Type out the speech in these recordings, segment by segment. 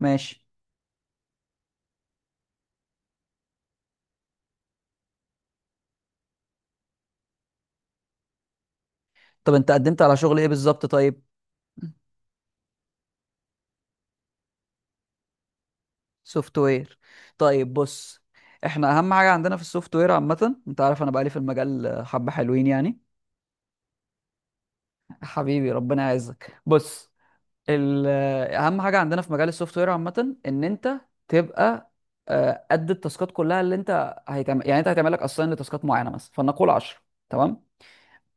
ماشي. طب انت قدمت على شغل ايه بالظبط؟ طيب، سوفت وير. طيب بص، احنا اهم حاجه عندنا في السوفت وير عامه، انت عارف انا بقالي في المجال حبه حلوين حبيبي ربنا يعزك. بص، ال- اهم حاجه عندنا في مجال السوفت وير عامه ان انت تبقى قد التاسكات كلها اللي انت هيتعمل، يعني انت هيتعمل لك اساين لتاسكات معينه، مثلا فلنقول 10، تمام،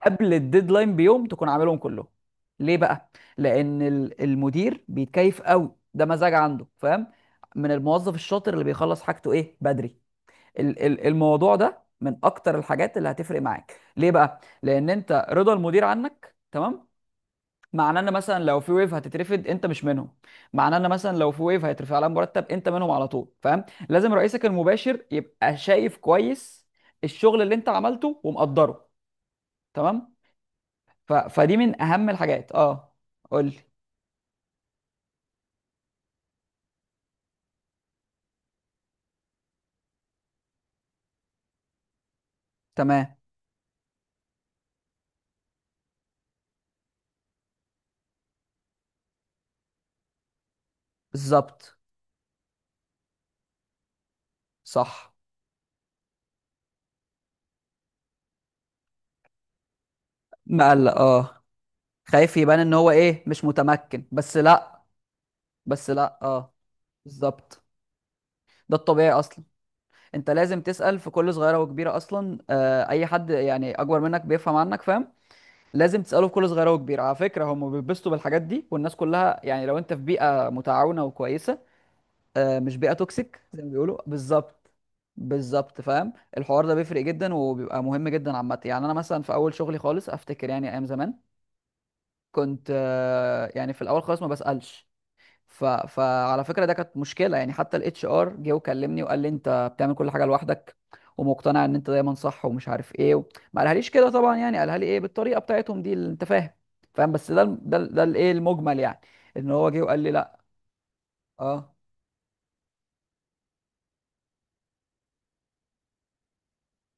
قبل الديدلاين بيوم تكون عاملهم كلهم. ليه بقى؟ لان المدير بيتكيف قوي، ده مزاج عنده فاهم، من الموظف الشاطر اللي بيخلص حاجته ايه بدري. الموضوع ده من اكتر الحاجات اللي هتفرق معاك. ليه بقى؟ لان انت رضا المدير عنك تمام، معناه ان مثلا لو في ويف هتترفد انت مش منهم، معناه ان مثلا لو في ويف هيترفع لها مرتب انت منهم على طول. فاهم؟ لازم رئيسك المباشر يبقى شايف كويس الشغل اللي انت عملته ومقدره. تمام. فدي من اهم الحاجات. اه، قول لي. تمام، بالظبط، صح. مقلق، اه. خايف يبان ان هو ايه، مش متمكن، بس لا. بس لا، اه، بالظبط، ده الطبيعي اصلا. انت لازم تسأل في كل صغيرة وكبيرة اصلا، آه، اي حد يعني اكبر منك بيفهم عنك، فاهم؟ لازم تسأله في كل صغيرة وكبيرة. على فكرة هم بيتبسطوا بالحاجات دي، والناس كلها يعني لو انت في بيئة متعاونة وكويسة، مش بيئه توكسيك زي ما بيقولوا. بالظبط بالظبط، فاهم؟ الحوار ده بيفرق جدا وبيبقى مهم جدا عامه. يعني انا مثلا في اول شغلي خالص افتكر، يعني ايام زمان كنت يعني في الاول خالص ما بسالش، فعلى فكره ده كانت مشكله، يعني حتى الاتش ار جه وكلمني وقال لي انت بتعمل كل حاجه لوحدك ومقتنع ان انت دايما صح ومش عارف ايه ما قالهاليش كده طبعا، يعني قالها لي ايه بالطريقه بتاعتهم دي اللي انت فاهم. فاهم؟ بس ده الايه المجمل يعني، ان هو جه وقال لي لا. اه،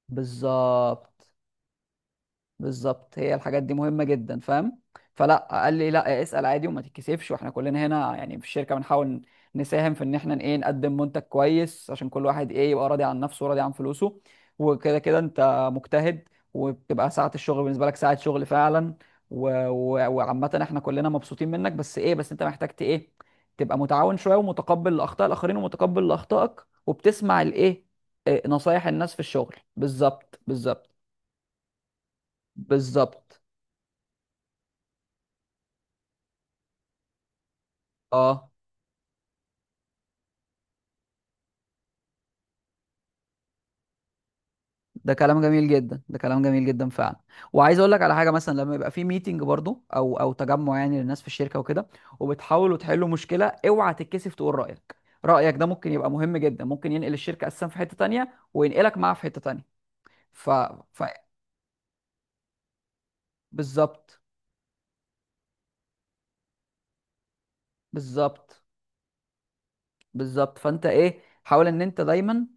بالظبط. بالظبط، هي الحاجات دي مهمة جدا، فاهم؟ فلا، قال لي لا اسأل عادي وما تتكسفش، واحنا كلنا هنا يعني في الشركة بنحاول نساهم في ان احنا ايه نقدم منتج كويس، عشان كل واحد ايه يبقى راضي عن نفسه وراضي عن فلوسه، وكده كده انت مجتهد وبتبقى ساعة الشغل بالنسبة لك ساعة شغل فعلا، وعامة احنا كلنا مبسوطين منك، بس ايه، بس انت محتاج ايه، تبقى متعاون شوية ومتقبل لأخطاء الآخرين ومتقبل لأخطائك، وبتسمع الايه، نصايح الناس في الشغل. بالظبط بالظبط بالظبط، اه. ده كلام جميل جدا، ده كلام جميل جدا فعلا. وعايز اقول لك على حاجه، مثلا لما يبقى في ميتنج برضو، او تجمع يعني للناس في الشركه وكده، وبتحاولوا تحلوا مشكله، اوعى تتكسف تقول رايك. رايك ده ممكن يبقى مهم جدا، ممكن ينقل الشركه اساسا في حته تانية وينقلك معاه في حته تانية. ف, ف... بالظبط بالظبط بالظبط. فانت ايه، حاول ان انت دايما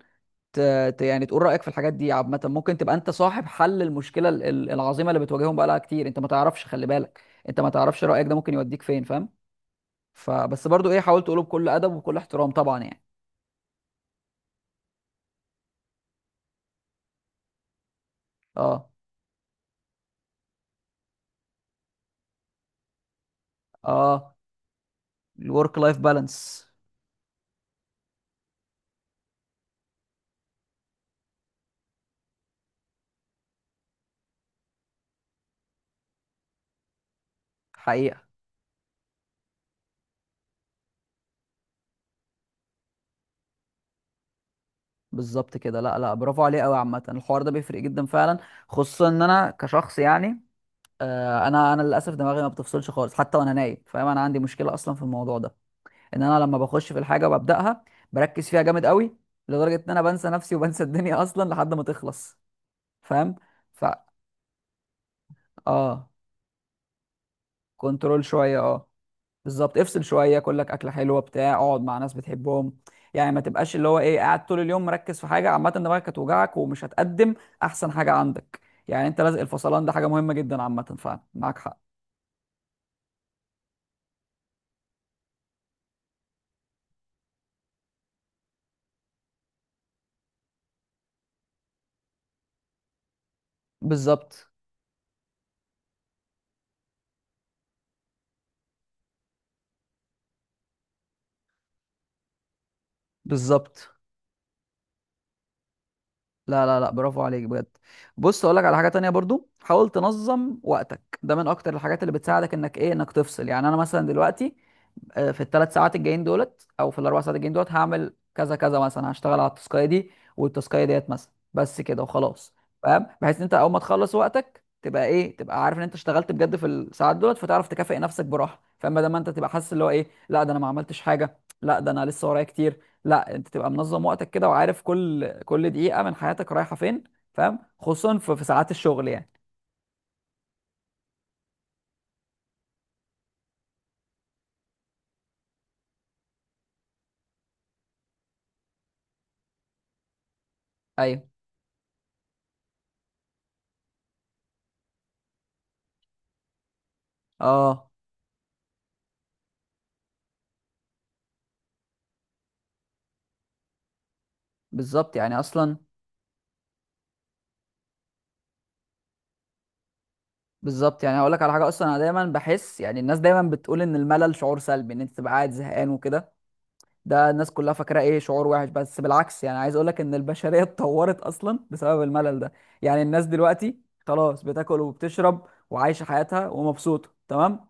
ت... يعني تقول رايك في الحاجات دي عامه. ممكن تبقى انت صاحب حل المشكله العظيمه اللي بتواجههم بقالها كتير، انت ما تعرفش، خلي بالك، انت ما تعرفش رايك ده ممكن يوديك فين. فاهم؟ فبس برضو ايه، حاولت اقوله بكل ادب وبكل احترام طبعا يعني. اه اه، الورك لايف بالانس، حقيقة. بالظبط كده، لا لا، برافو عليه قوي. عامة الحوار ده بيفرق جدا فعلا، خصوصا ان انا كشخص يعني آه انا للاسف دماغي ما بتفصلش خالص، حتى وانا نايم فاهم؟ انا عندي مشكلة اصلا في الموضوع ده، ان انا لما بخش في الحاجة وببدأها بركز فيها جامد قوي، لدرجة ان انا بنسى نفسي وبنسى الدنيا اصلا لحد ما تخلص. فاهم؟ ف اه، كنترول شوية، اه. بالظبط، افصل شويه، كل لك اكله حلوه بتاع، اقعد مع ناس بتحبهم، يعني ما تبقاش اللي هو ايه قاعد طول اليوم مركز في حاجه، عامه دماغك هتوجعك ومش هتقدم احسن حاجه عندك، يعني انت لازق الفصلان ده حاجه مهمه جدا عامه، فعلا معاك حق. بالظبط بالظبط، لا لا لا، برافو عليك بجد. بص، اقول لك على حاجه تانية برضو، حاول تنظم وقتك، ده من اكتر الحاجات اللي بتساعدك انك ايه، انك تفصل. يعني انا مثلا دلوقتي في الثلاث ساعات الجايين دولت او في الاربع ساعات الجايين دولت هعمل كذا كذا، مثلا هشتغل على التاسكايه دي والتاسكايه ديت مثلا بس كده وخلاص. فاهم؟ بحيث ان انت اول ما تخلص وقتك تبقى ايه، تبقى عارف ان انت اشتغلت بجد في الساعات دولت، فتعرف تكافئ نفسك براحه. فاما ده ما انت تبقى حاسس اللي هو ايه، لا ده انا ما عملتش حاجه، لا ده انا لسه ورايا كتير. لا، انت تبقى منظم وقتك كده وعارف كل دقيقه من حياتك رايحه فين. فاهم؟ خصوصا في ساعات الشغل يعني. ايوه اه، بالظبط يعني اصلا. بالظبط، يعني هقول لك على حاجه اصلا. انا دايما بحس، يعني الناس دايما بتقول ان الملل شعور سلبي، ان انت تبقى قاعد زهقان وكده، ده الناس كلها فاكره ايه، شعور وحش. بس بالعكس، يعني عايز اقول لك ان البشريه اتطورت اصلا بسبب الملل ده. يعني الناس دلوقتي خلاص بتاكل وبتشرب وعايشه حياتها ومبسوطه، تمام،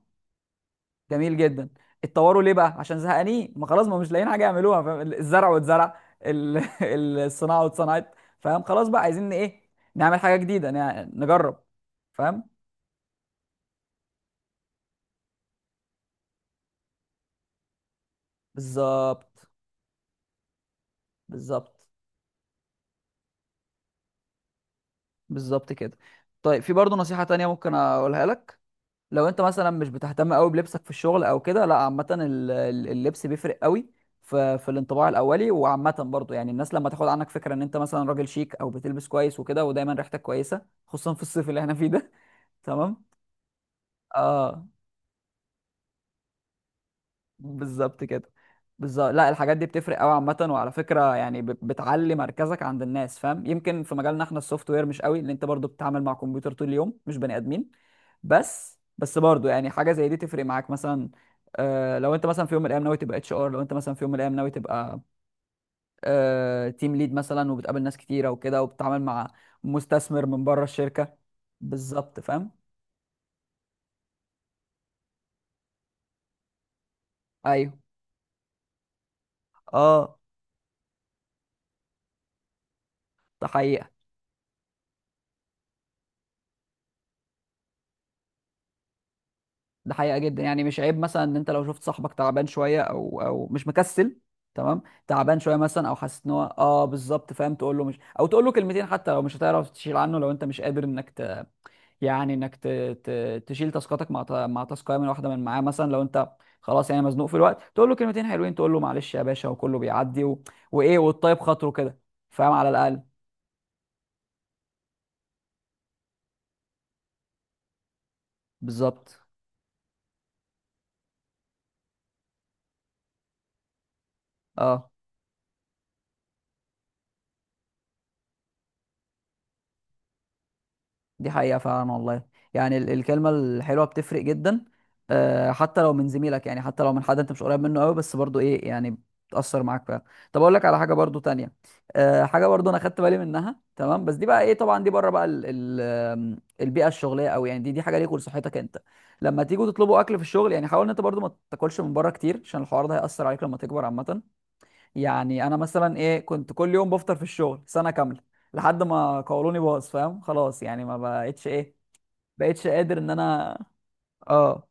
جميل جدا. اتطوروا ليه بقى؟ عشان زهقانين، ما خلاص ما مش لاقيين حاجه يعملوها، فاهم؟ الزرع واتزرع، ال- الصناعه واتصنعت. فاهم؟ خلاص بقى، عايزين ايه، نعمل حاجه جديده، نجرب. فاهم؟ بالظبط بالظبط. بالظبط كده. طيب، في برضه نصيحة تانية ممكن اقولها لك. لو انت مثلا مش بتهتم قوي بلبسك في الشغل او كده، لا عامة اللبس بيفرق قوي في الانطباع الاولي. وعامة برضه يعني الناس لما تاخد عنك فكرة ان انت مثلا راجل شيك او بتلبس كويس وكده، ودايما ريحتك كويسة خصوصا في الصيف اللي احنا فيه ده تمام؟ اه، بالظبط كده. بالظبط، لا الحاجات دي بتفرق قوي عامة. وعلى فكرة يعني بتعلي مركزك عند الناس، فاهم؟ يمكن في مجالنا احنا السوفت وير مش قوي، لان انت برضو بتتعامل مع كمبيوتر طول اليوم مش بني ادمين، بس برضو يعني حاجة زي دي تفرق معاك مثلا. آه، لو انت مثلا في يوم من الايام ناوي تبقى اتش ار، لو انت مثلا في يوم من الايام ناوي تبقى آه تيم ليد مثلا، وبتقابل ناس كتيرة وكده وبتتعامل مع مستثمر من بره الشركة، بالظبط فاهم. ايوه اه، ده حقيقة، ده حقيقة جدا. يعني مش عيب مثلا ان انت لو شفت صاحبك تعبان شوية او مش مكسل، تمام، تعبان شوية مثلا او حاسس ان هو اه، بالظبط فاهم، تقول له مش، او تقول له كلمتين حتى لو مش هتعرف تشيل عنه، لو انت مش قادر انك ت... يعني انك ت... ت... تشيل تاسكاتك مع مع تاسكايه من واحدة من معاه مثلا، لو انت خلاص يعني مزنوق في الوقت، تقول له كلمتين حلوين، تقول له معلش يا باشا وكله بيعدي وايه، والطيب خاطره كده، فاهم؟ على الاقل بالظبط اه. دي حقيقة فعلا والله، يعني الكلمة الحلوة بتفرق جدا، حتى لو من زميلك، يعني حتى لو من حد انت مش قريب منه قوي، بس برضو ايه يعني بتأثر معاك فعلا. طب اقول لك على حاجة برضو تانية، حاجة برضو انا خدت بالي منها تمام، بس دي بقى ايه، طبعا دي بره بقى ال ال البيئة الشغلية قوي. يعني دي حاجة ليك ولصحتك انت. لما تيجوا تطلبوا اكل في الشغل، يعني حاول ان انت برضو ما تاكلش من بره كتير، عشان الحوار ده هيأثر عليك لما تكبر عامة. يعني انا مثلا ايه، كنت كل يوم بفطر في الشغل سنه كامله، لحد ما قولوني باظ. فاهم؟ خلاص يعني ما بقتش ايه، بقتش قادر ان انا اه،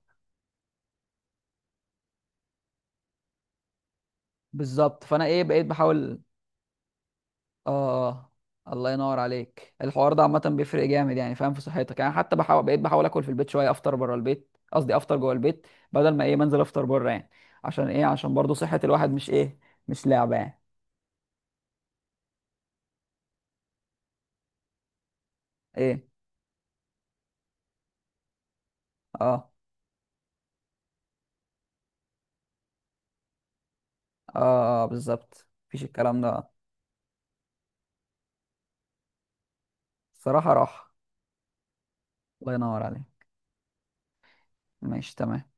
بالظبط. فانا ايه، بقيت بحاول، اه. الله ينور عليك، الحوار ده عامه بيفرق جامد يعني، فاهم؟ في صحتك يعني، حتى بحاول، بقيت بحاول اكل في البيت شويه، افطر بره البيت قصدي افطر جوه البيت بدل ما ايه منزل افطر بره يعني. عشان ايه؟ عشان برضو صحه الواحد مش ايه، مش لعبه يعني. ايه؟ اه، اه، بالظبط، مفيش الكلام ده. صراحه راحه. الله ينور عليك. ماشي تمام.